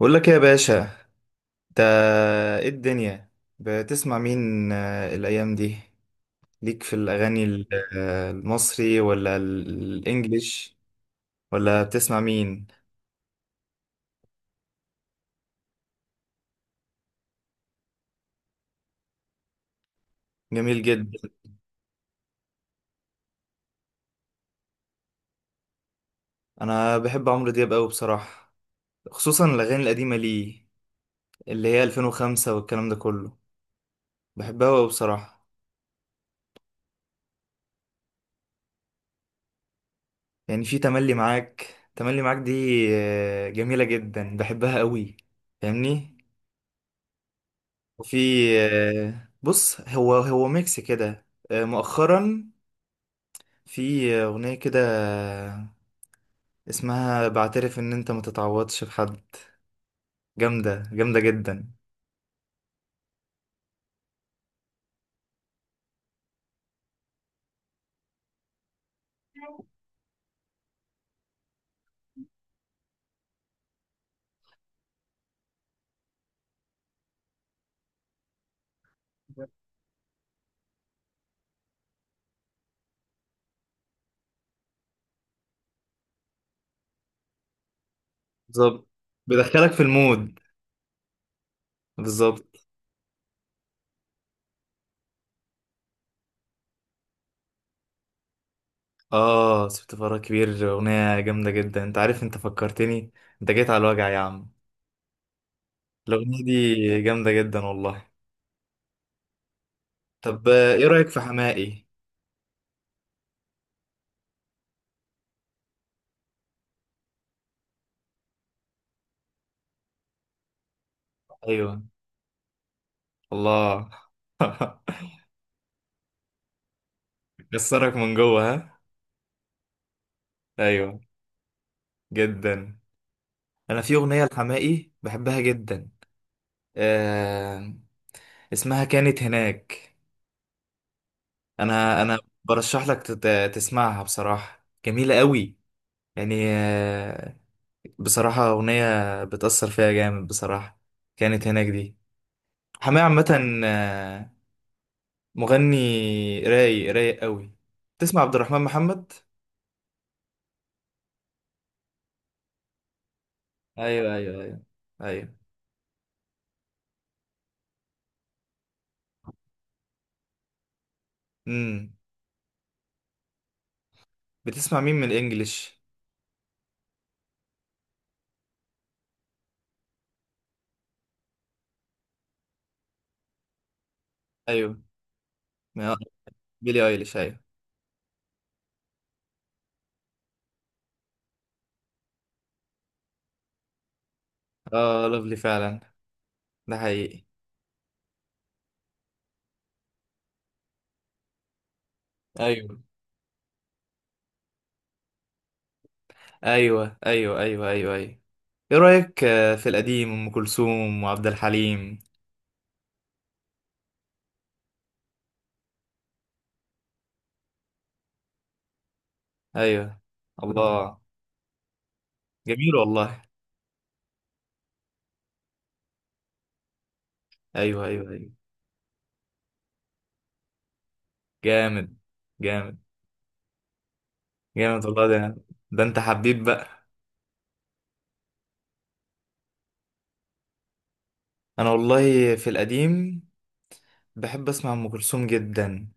بقول لك ايه يا باشا. انت، ايه الدنيا؟ بتسمع مين الايام دي؟ ليك في الاغاني المصري ولا الانجليش؟ ولا بتسمع مين؟ جميل جدا. انا بحب عمرو دياب قوي بصراحة، خصوصا الاغاني القديمة ليه، اللي هي 2005 والكلام ده كله. بحبها قوي بصراحة. يعني في تملي معاك، تملي معاك دي جميلة جدا، بحبها قوي. فاهمني؟ وفي بص، هو ميكس كده مؤخرا، في أغنية كده اسمها بعترف إن أنت ما تتعوضش في حد. جامدة، جامدة جدا. بالظبط، بيدخلك في المود. بالظبط. آه، سبت فراغ كبير أغنية جامدة جدا. أنت عارف، أنت فكرتني، أنت جيت على الوجع يا عم. الأغنية دي جامدة جدا والله. طب إيه رأيك في حماقي؟ أيوه، الله. كسرك من جوه ها؟ أيوه، جدا. انا في اغنيه لحماقي بحبها جدا، آه، اسمها كانت هناك. انا برشح لك تسمعها، بصراحه جميله قوي، يعني آه. بصراحه اغنيه بتاثر فيها جامد بصراحه، كانت هناك دي. حماقي عامه آه، مغني رايق، رايق قوي. تسمع عبد الرحمن محمد؟ ايوه ايوه ايوه ايوه. امم، بتسمع مين من الانجليش؟ ايوه، آه، بيلي ايليش، ايوه. اه لوفلي فعلا، ده حقيقي. ايوه ايوه ايوه ايوه ايوه ايوه، ايه رأيك في القديم، ام كلثوم وعبد الحليم؟ ايوه، الله، جميل والله. ايوه ايوه ايوه، جامد جامد جامد والله ده. ده انت حبيب بقى. انا والله في القديم بحب اسمع ام كلثوم جدا،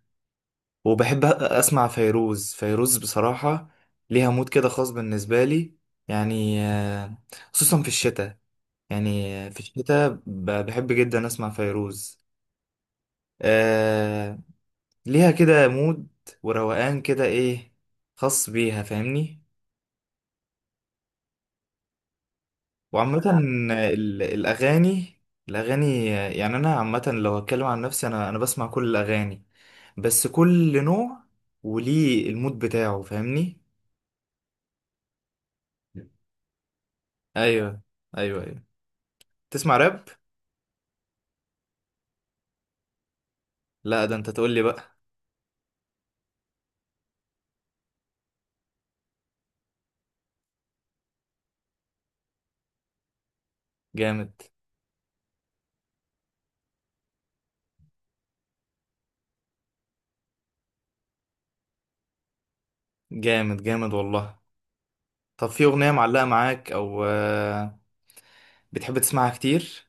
وبحب اسمع فيروز. فيروز بصراحة ليها مود كده خاص بالنسبة لي، يعني خصوصا في الشتاء. يعني في الشتاء بحب جدا اسمع فيروز. آه، ليها كده مود وروقان كده ايه، خاص بيها. فاهمني؟ وعامة، الأغاني، الأغاني يعني أنا عامة، لو هتكلم عن نفسي، أنا بسمع كل الأغاني، بس كل نوع وليه المود بتاعه. فاهمني؟ أيوه، أيوه أيوه. تسمع راب؟ لا ده أنت تقول لي بقى. جامد جامد جامد والله. طب في أغنية معلقة معاك أو بتحب تسمعها كتير؟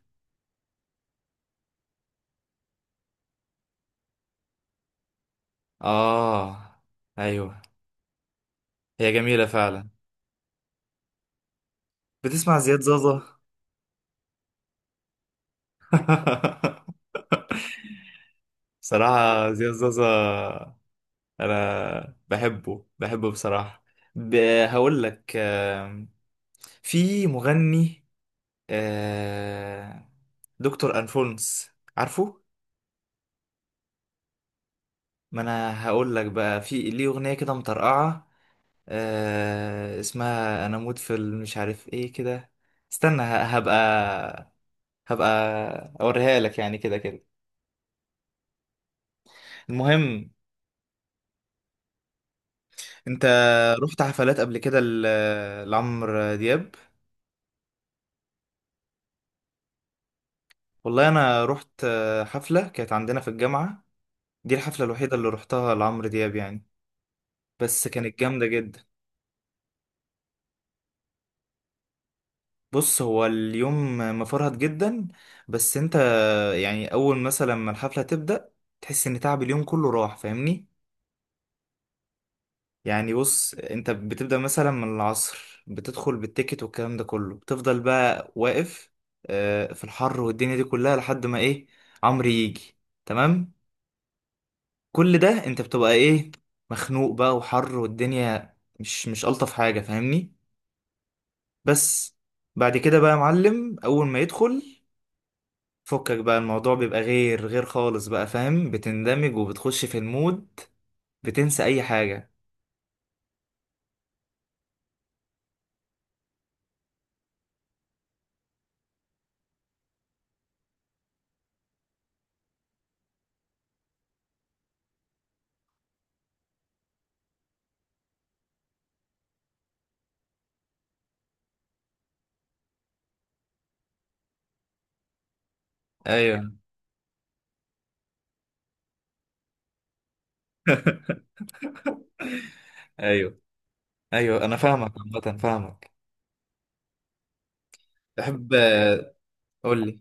آه، أيوه، هي جميلة فعلا. بتسمع زياد زازا؟ صراحة زياد زازا أنا بحبه، بحبه بصراحة. ب... هقول لك في مغني آه، دكتور أنفونس، عارفه؟ ما أنا هقول لك بقى، في ليه أغنية كده مطرقعة اسمها أنا أموت في مش عارف إيه كده. استنى، هبقى أوريها لك يعني، كده كده. المهم، انت رحت حفلات قبل كده لعمرو دياب؟ والله انا رحت حفلة كانت عندنا في الجامعة. دي الحفلة الوحيدة اللي رحتها لعمرو دياب يعني، بس كانت جامدة جدا. بص هو اليوم مفرهد جدا، بس انت يعني اول مثلا ما الحفلة تبدأ تحس ان تعب اليوم كله راح. فاهمني؟ يعني بص، انت بتبدأ مثلا من العصر، بتدخل بالتيكت والكلام ده كله، بتفضل بقى واقف في الحر والدنيا دي كلها، لحد ما ايه، عمرو يجي. تمام، كل ده انت بتبقى ايه، مخنوق بقى وحر، والدنيا مش الطف حاجه. فاهمني؟ بس بعد كده بقى يا معلم، اول ما يدخل فكك بقى الموضوع بيبقى غير خالص بقى. فاهم؟ بتندمج وبتخش في المود، بتنسى اي حاجه. ايوه ايوه ايوه، انا فاهمك، عامة فاهمك. تحب قول لي.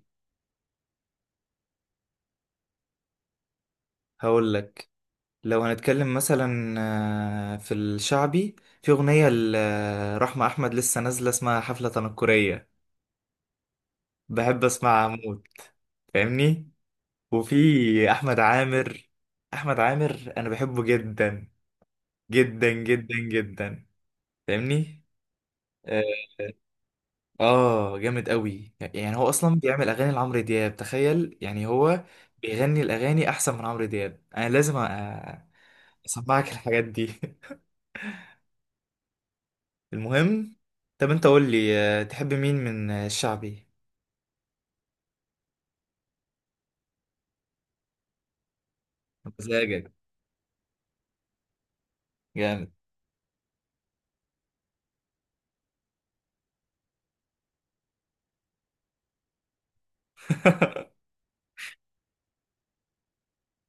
هقول لك، لو هنتكلم مثلا في الشعبي، في اغنيه لرحمه احمد لسه نازله اسمها حفله تنكريه، بحب اسمع موت. فاهمني؟ وفي احمد عامر. احمد عامر انا بحبه جدا جدا جدا جدا. فاهمني؟ اه. جامد قوي يعني، هو اصلا بيعمل اغاني لعمرو دياب، تخيل يعني، هو بيغني الاغاني احسن من عمرو دياب. انا لازم اسمعك الحاجات دي. المهم، طب انت قول لي تحب مين من الشعبي؟ مزاجك جامد.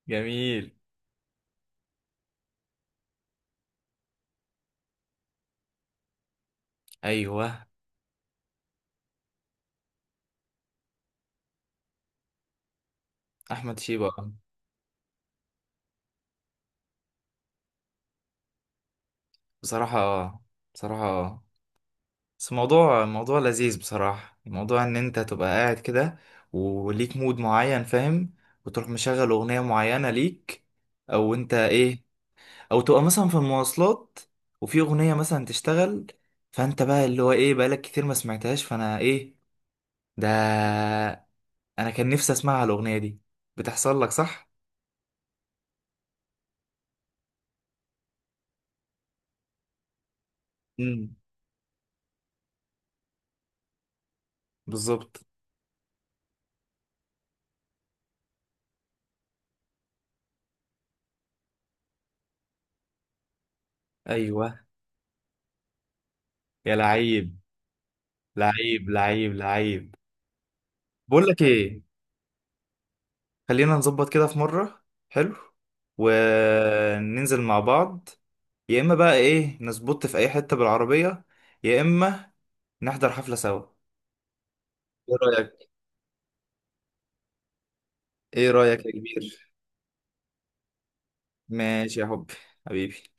جميل، ايوه، احمد شيبة. بصراحة بصراحة بس الموضوع موضوع لذيذ بصراحة، موضوع ان انت تبقى قاعد كده وليك مود معين. فاهم؟ وتروح مشغل اغنية معينة ليك، او انت ايه، او تبقى مثلا في المواصلات وفي اغنية مثلا تشتغل، فانت بقى اللي هو ايه، بقالك كتير ما سمعتهاش، فانا ايه ده، انا كان نفسي اسمعها الاغنية دي. بتحصل لك صح؟ امم، بالظبط. ايوه، يا لعيب، لعيب لعيب لعيب. بقول لك ايه، خلينا نظبط كده في مرة، حلو، وننزل مع بعض. يا إما بقى إيه، نظبط في أي حتة بالعربية، يا إما نحضر حفلة سوا. إيه رأيك؟ إيه رأيك يا كبير؟ ماشي يا حبي، حبيبي.